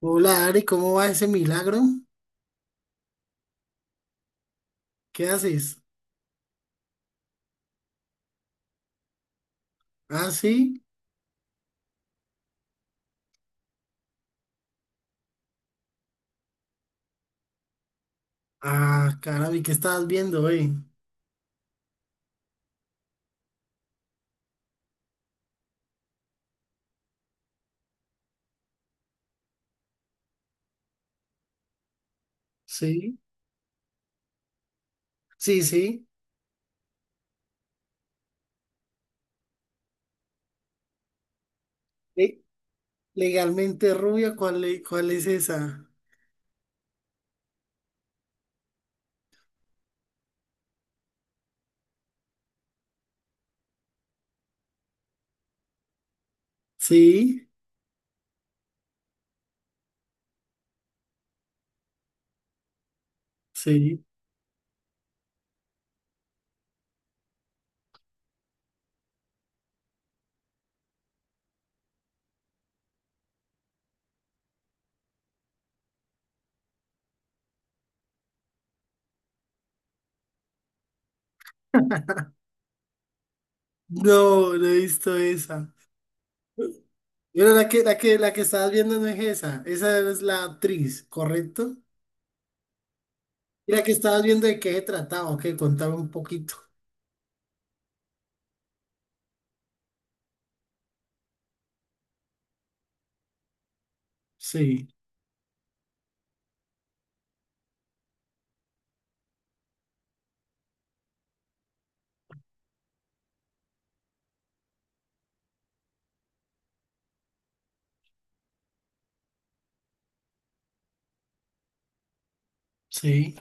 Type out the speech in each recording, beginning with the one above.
Hola Ari, ¿cómo va ese milagro? ¿Qué haces? Ah, sí. Ah, caramba, ¿y qué estabas viendo, eh? Sí, sí, sí. Le- legalmente rubia, ¿cuál es esa? Sí, sí. No, no he visto esa. Pero la que estabas viendo no es esa. Esa es la actriz, ¿correcto? Y la que estabas viendo de qué se trataba, ok, contaba un poquito. Sí, sí,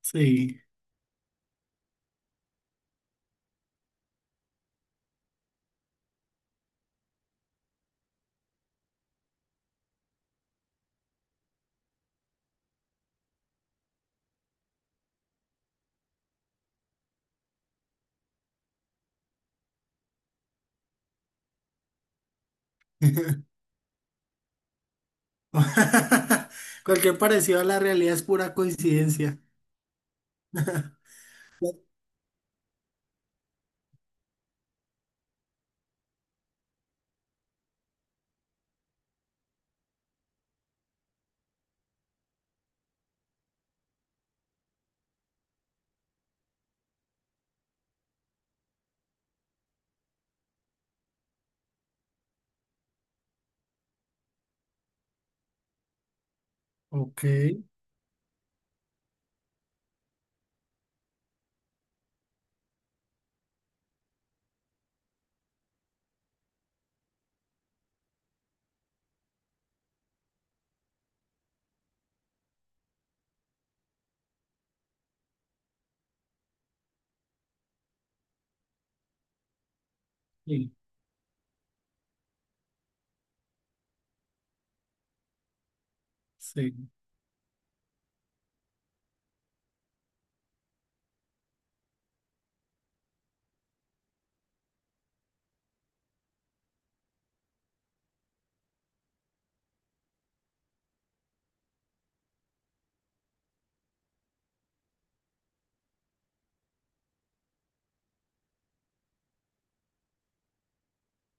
sí. Cualquier parecido a la realidad es pura coincidencia. Ok, sí, sí,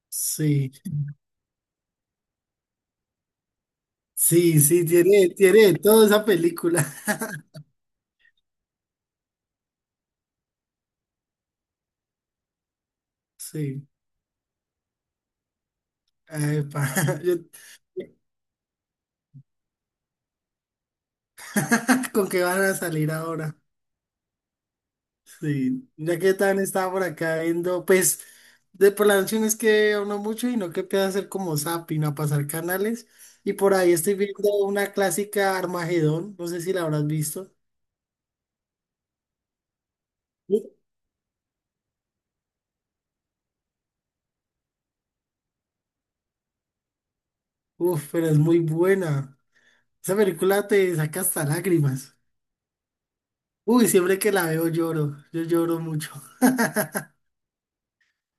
sí, sí, sí, tiene, tiene de todo esa película. Sí, epa, yo- ¿Con qué van a salir ahora? Sí, ya que tan estaba por acá viendo, pues, de por la noche no es que uno mucho y no que pueda hacer como zapping a pasar canales. Y por ahí estoy viendo una clásica Armagedón, no sé si la habrás visto. Uf, pero es muy buena. Esa película te saca hasta lágrimas. Uy, siempre que la veo lloro. Yo lloro mucho.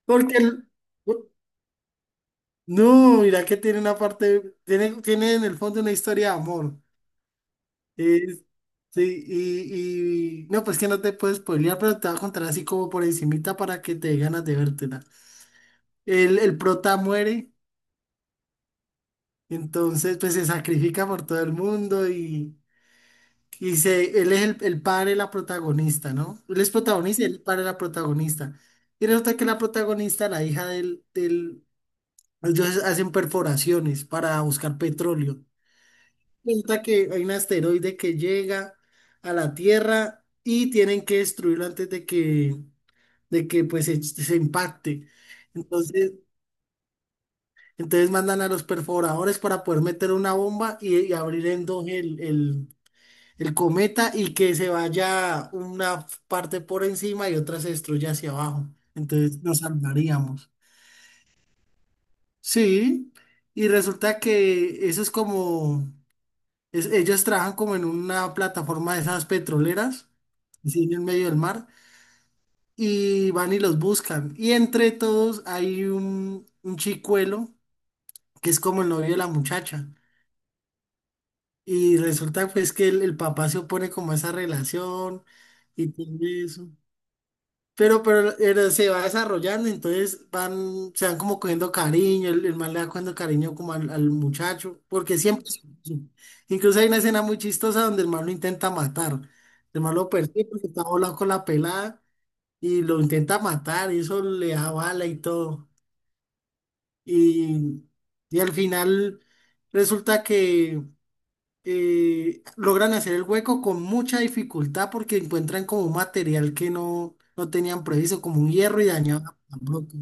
Porque el- No, mira que tiene una parte, tiene, tiene en el fondo una historia de amor. Es- sí, no, pues que no te puedes spoilear, pero te voy a contar así como por encimita para que te dé ganas de vértela. El prota muere, entonces pues se sacrifica por todo el mundo. Y él es el padre de la protagonista, ¿no? Él es protagonista y él es el padre de la protagonista. Y resulta que la protagonista, la hija del... Ellos hacen perforaciones para buscar petróleo. Resulta que hay un asteroide que llega a la Tierra y tienen que destruirlo antes de que pues, se impacte. Entonces, entonces mandan a los perforadores para poder meter una bomba y abrir en dos el cometa y que se vaya una parte por encima y otra se destruya hacia abajo. Entonces nos salvaríamos. Sí, y resulta que eso es como, ellos trabajan como en una plataforma de esas petroleras, así en el medio del mar, y van y los buscan. Y entre todos hay un chicuelo que es como el novio de la muchacha. Y resulta pues que el papá se opone como a esa relación y todo eso. Pero se va desarrollando, entonces van, se van como cogiendo cariño, el man le va cogiendo cariño como al muchacho, porque siempre, incluso hay una escena muy chistosa donde el man lo intenta matar, el man lo persigue porque está volando con la pelada y lo intenta matar, y eso le da bala y todo, y, y al final resulta que logran hacer el hueco con mucha dificultad porque encuentran como un material que no, no tenían previsto, como un hierro y dañado a bloques.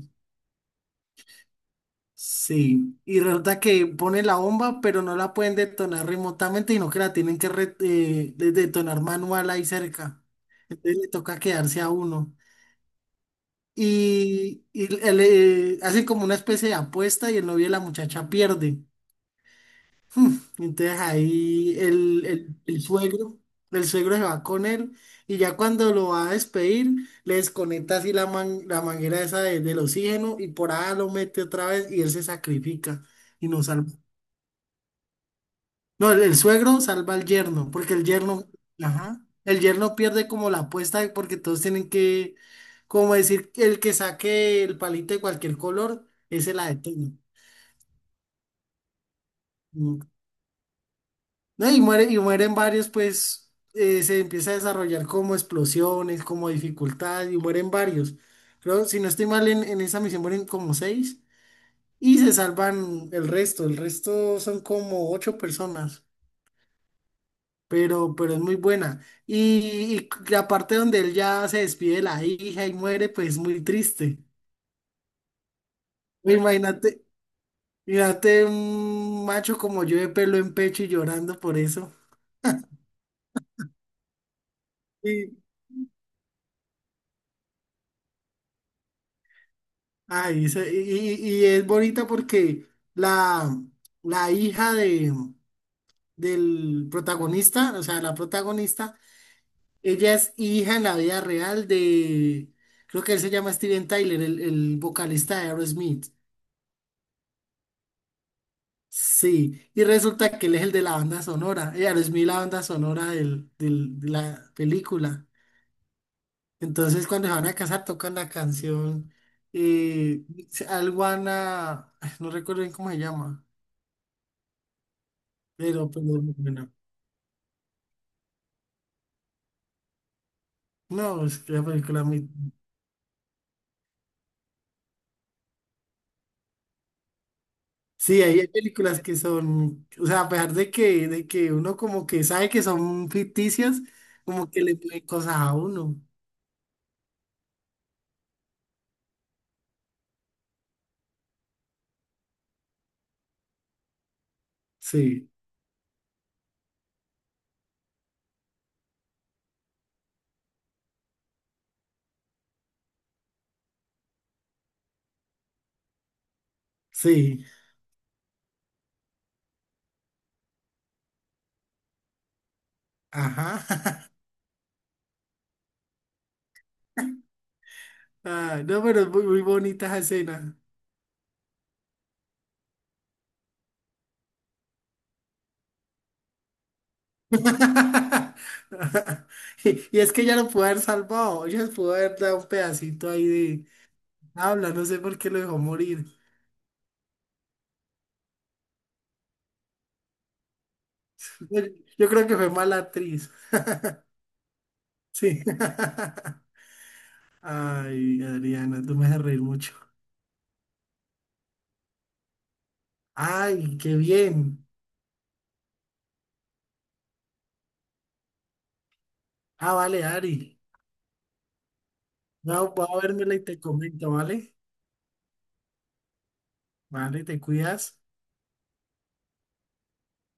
Sí, y resulta que pone la bomba, pero no la pueden detonar remotamente, sino que la tienen que detonar manual ahí cerca. Entonces le toca quedarse a uno. Y, hacen como una especie de apuesta y el novio de la muchacha pierde. Entonces ahí el suegro, el suegro se va con él y ya cuando lo va a despedir, le desconecta así la manguera esa del oxígeno y por ahí lo mete otra vez y él se sacrifica y no salva. No, el suegro salva al yerno, porque el yerno, ajá, el yerno pierde como la apuesta porque todos tienen que, como decir, el que saque el palito de cualquier color, ese la detiene. ¿No? Y muere, y mueren varios, pues se empieza a desarrollar como explosiones, como dificultad, y mueren varios. Creo, si no estoy mal, en esa misión mueren como seis y se salvan el resto. El resto son como ocho personas, pero es muy buena. Y la parte donde él ya se despide de la hija y muere, pues es muy triste. Imagínate, imagínate un macho como yo de pelo en pecho y llorando por eso. Ay, y es bonita porque la, la hija de, del protagonista, o sea, la protagonista, ella es hija en la vida real de, creo que él se llama Steven Tyler, el vocalista de Aerosmith. Sí, y resulta que él es el de la banda sonora, y Aerosmith la banda sonora de la película. Entonces, cuando se van a casar, tocan la canción, eh, Alguana, no recuerdo bien cómo se llama. Pero bueno, no, es que la película muy... Sí, hay hay películas que son, o sea, a pesar de de que uno como que sabe que son ficticias, como que le piden cosas a uno. Sí, sí, ajá. Ah, no, pero es muy, muy bonita esa escena. Y, y es que ya lo pudo haber salvado, ella pudo haber dado un pedacito ahí de habla, no sé por qué lo dejó morir. Yo yo creo que fue mala actriz. Sí. Ay, Adriana, tú me haces reír mucho. Ay, qué bien. Ah, vale, Ari. No, voy a vérmela y te comento, ¿vale? Vale, te cuidas.